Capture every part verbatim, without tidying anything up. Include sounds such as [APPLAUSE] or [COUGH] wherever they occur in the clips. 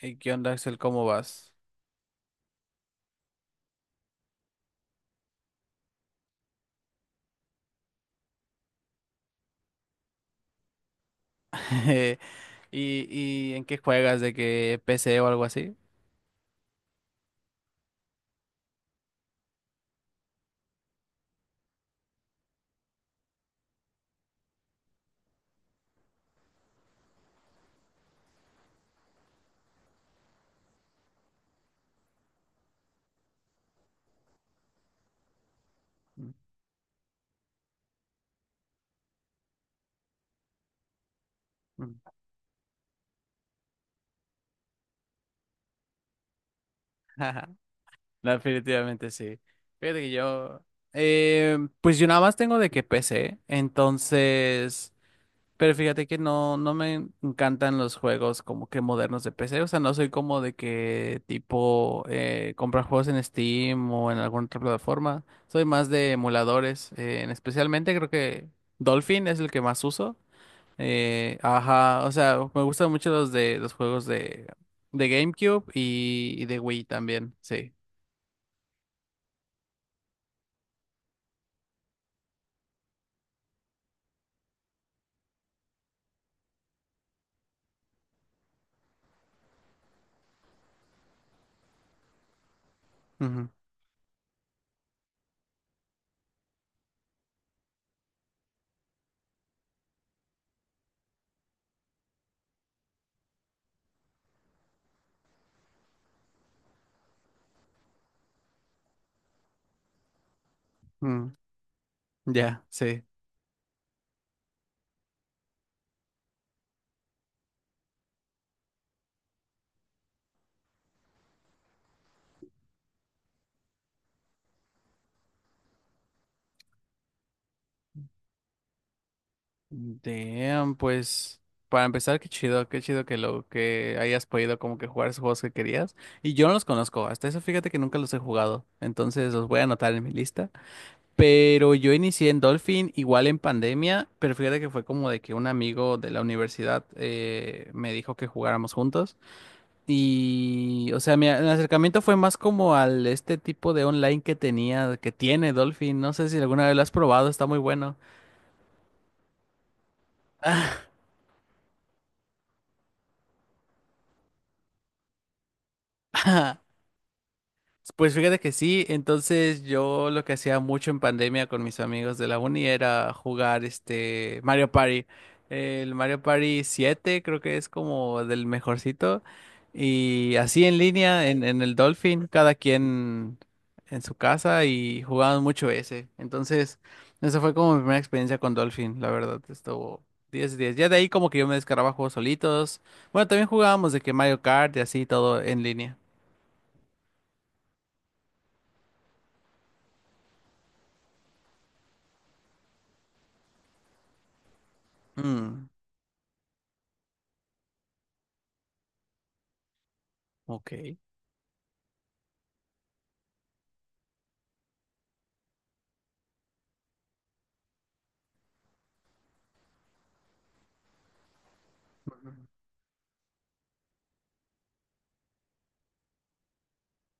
Hey, ¿qué onda, Axel? ¿Cómo vas? [LAUGHS] ¿Y, y en qué juegas? ¿De qué p c o algo así? Mm, mm. [LAUGHS] No, definitivamente sí. Fíjate que yo, eh, pues yo nada más tengo de que p c, entonces, pero fíjate que no, no me encantan los juegos como que modernos de p c, o sea, no soy como de que tipo eh, comprar juegos en Steam o en alguna otra plataforma, soy más de emuladores, eh, especialmente creo que Dolphin es el que más uso. Eh, ajá, o sea, me gustan mucho los de los juegos de, de GameCube y, y de Wii también, sí. Ujú, mm, ya, sí. Damn, pues para empezar, qué chido, qué chido que lo que hayas podido como que jugar esos juegos que querías. Y yo no los conozco, hasta eso fíjate que nunca los he jugado, entonces los voy a anotar en mi lista. Pero yo inicié en Dolphin igual en pandemia, pero fíjate que fue como de que un amigo de la universidad eh, me dijo que jugáramos juntos. Y, o sea, mi a- acercamiento fue más como al este tipo de online que tenía, que tiene Dolphin. No sé si alguna vez lo has probado, está muy bueno. [LAUGHS] Pues fíjate que sí, entonces yo lo que hacía mucho en pandemia con mis amigos de la uni era jugar este Mario Party. El Mario Party siete creo que es como del mejorcito. Y así en línea, en, en, el Dolphin, cada quien en su casa y jugaban mucho ese. Entonces, esa fue como mi primera experiencia con Dolphin, la verdad, estuvo diez 10. Ya de ahí como que yo me descargaba juegos solitos. Bueno, también jugábamos de que Mario Kart y así todo en línea. Mm, ok.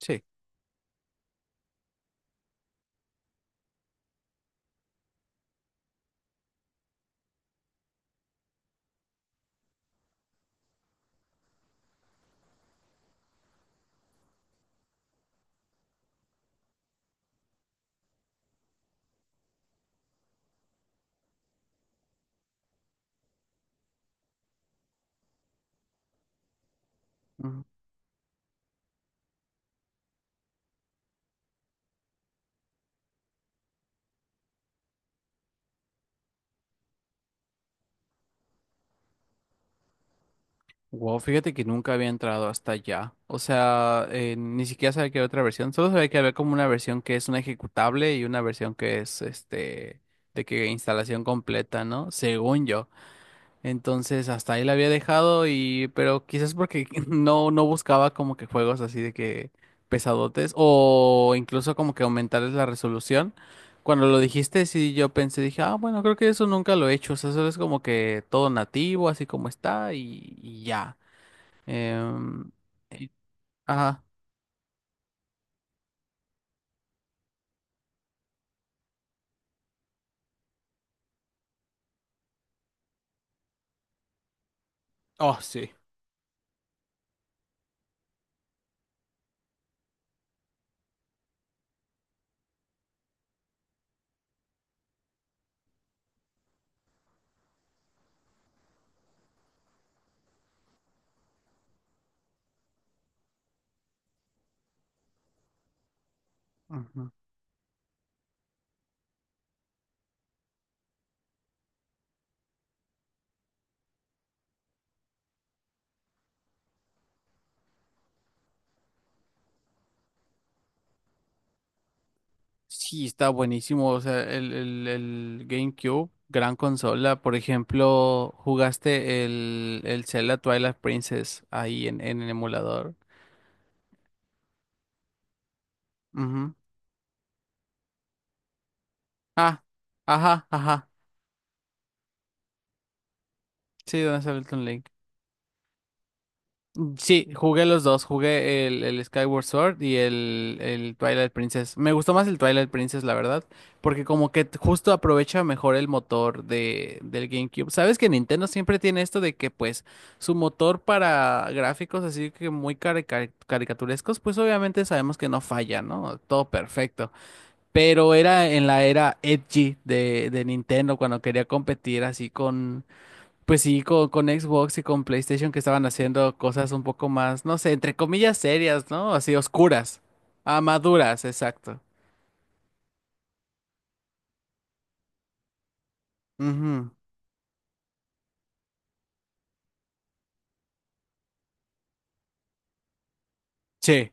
Sí. Ujú. Wow, fíjate que nunca había entrado hasta allá. O sea, eh, ni siquiera sabía que había otra versión. Solo sabía que había como una versión que es una ejecutable y una versión que es este de que instalación completa, ¿no? Según yo. Entonces hasta ahí la había dejado, y pero quizás porque [LAUGHS] no no buscaba como que juegos así de que pesadotes o incluso como que aumentarles la resolución. Cuando lo dijiste, sí yo pensé, dije, ah, bueno, creo que eso nunca lo he hecho, o sea, eso es como que todo nativo, así como está y, y ya. Em, y- ajá. Oh, sí. Ujú. Sí, está buenísimo. O sea, el, el, el GameCube, gran consola. Por ejemplo, ¿jugaste el, el Zelda Twilight Princess ahí en, en el emulador? Ujú. Ah, ajá, ajá. Sí, donde sale el Toon Link. Sí, jugué los dos, jugué el, el Skyward Sword y el, el Twilight Princess. Me gustó más el Twilight Princess, la verdad, porque como que t- justo aprovecha mejor el motor de, del GameCube. Sabes que Nintendo siempre tiene esto de que pues su motor para gráficos así que muy cari- cari- caricaturescos, pues obviamente sabemos que no falla, ¿no? Todo perfecto. Pero era en la era edgy de, de Nintendo cuando quería competir así pues sí, con, con, Xbox y con PlayStation que estaban haciendo cosas un poco más, no sé, entre comillas serias, ¿no? Así oscuras. Ah, maduras, exacto. Ujú. Sí,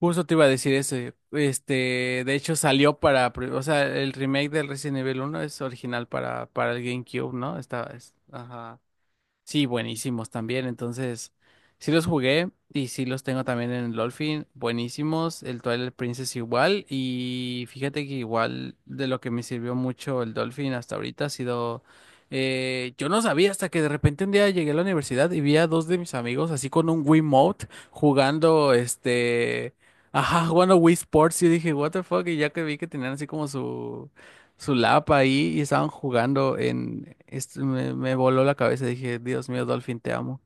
justo te iba a decir eso. Este, de hecho salió para, pri- o sea, el remake del Resident Evil uno es original para, para el GameCube, ¿no? Estaba, es, ajá. Sí, buenísimos también. Entonces, sí los jugué y sí los tengo también en el Dolphin. Buenísimos. El Twilight Princess igual. Y fíjate que igual de lo que me sirvió mucho el Dolphin hasta ahorita ha sido... eh, yo no sabía hasta que de repente un día llegué a la universidad y vi a dos de mis amigos así con un Wiimote jugando este... Ajá, jugando Wii Sports. Y dije, what the fuck. Y ya que vi que tenían así como su su lap ahí y estaban jugando en... Esto me, me voló la cabeza, dije, Dios mío, Dolphin, te amo.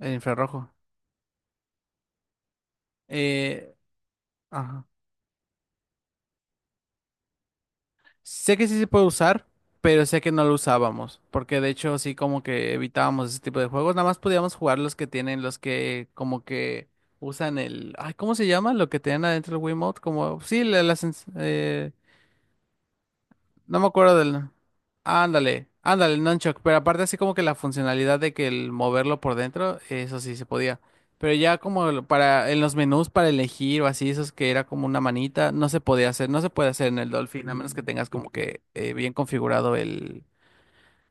El infrarrojo. Eh, ajá. Sé que sí se puede usar, pero sé que no lo usábamos, porque de hecho sí como que evitábamos ese tipo de juegos, nada más podíamos jugar los que tienen, los que como que usan el... Ay, ¿cómo se llama? Lo que tienen adentro el Wiimote, como... Sí, la, la sens- eh, no me acuerdo del... Ándale, ándale, el nunchuck, pero aparte así como que la funcionalidad de que el moverlo por dentro, eso sí se podía. Pero ya como el- para en los menús para elegir o así, esos que era como una manita, no se podía hacer, no se puede hacer en el Dolphin, a menos que tengas como que eh, bien configurado el,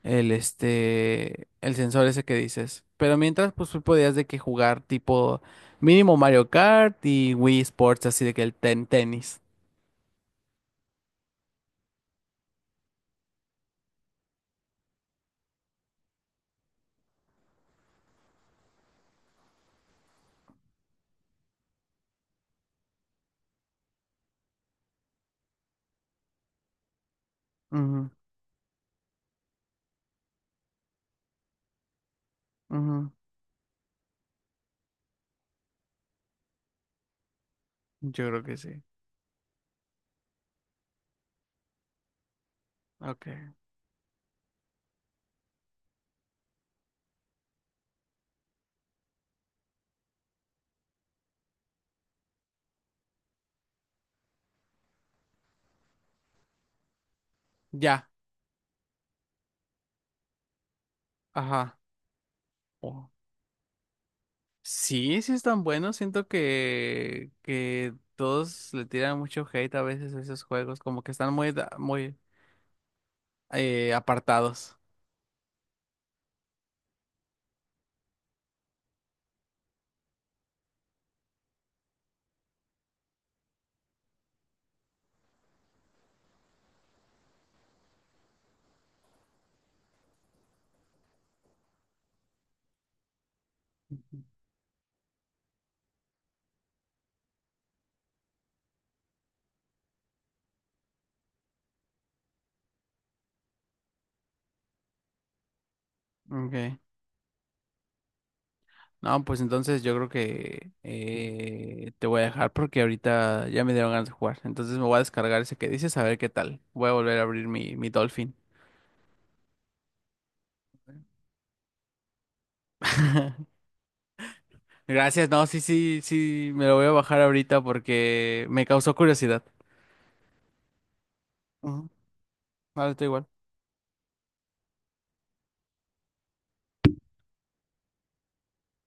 el este, el sensor ese que dices. Pero mientras, pues tú podías de que jugar tipo mínimo Mario Kart y Wii Sports, así de que el ten tenis. Ujú, ujú, yo creo que sí. Ok. Ya, ajá. Oh. Sí, sí están buenos. Siento que, que, todos le tiran mucho hate a veces a esos juegos, como que están muy, da- muy eh, apartados. Okay. No, pues entonces yo creo que eh, te voy a dejar porque ahorita ya me dieron ganas de jugar. Entonces me voy a descargar ese que dices a ver qué tal. Voy a volver a abrir mi, mi Dolphin. [LAUGHS] Gracias, no, sí, sí, sí, me lo voy a bajar ahorita porque me causó curiosidad. Ujú. Vale, está igual.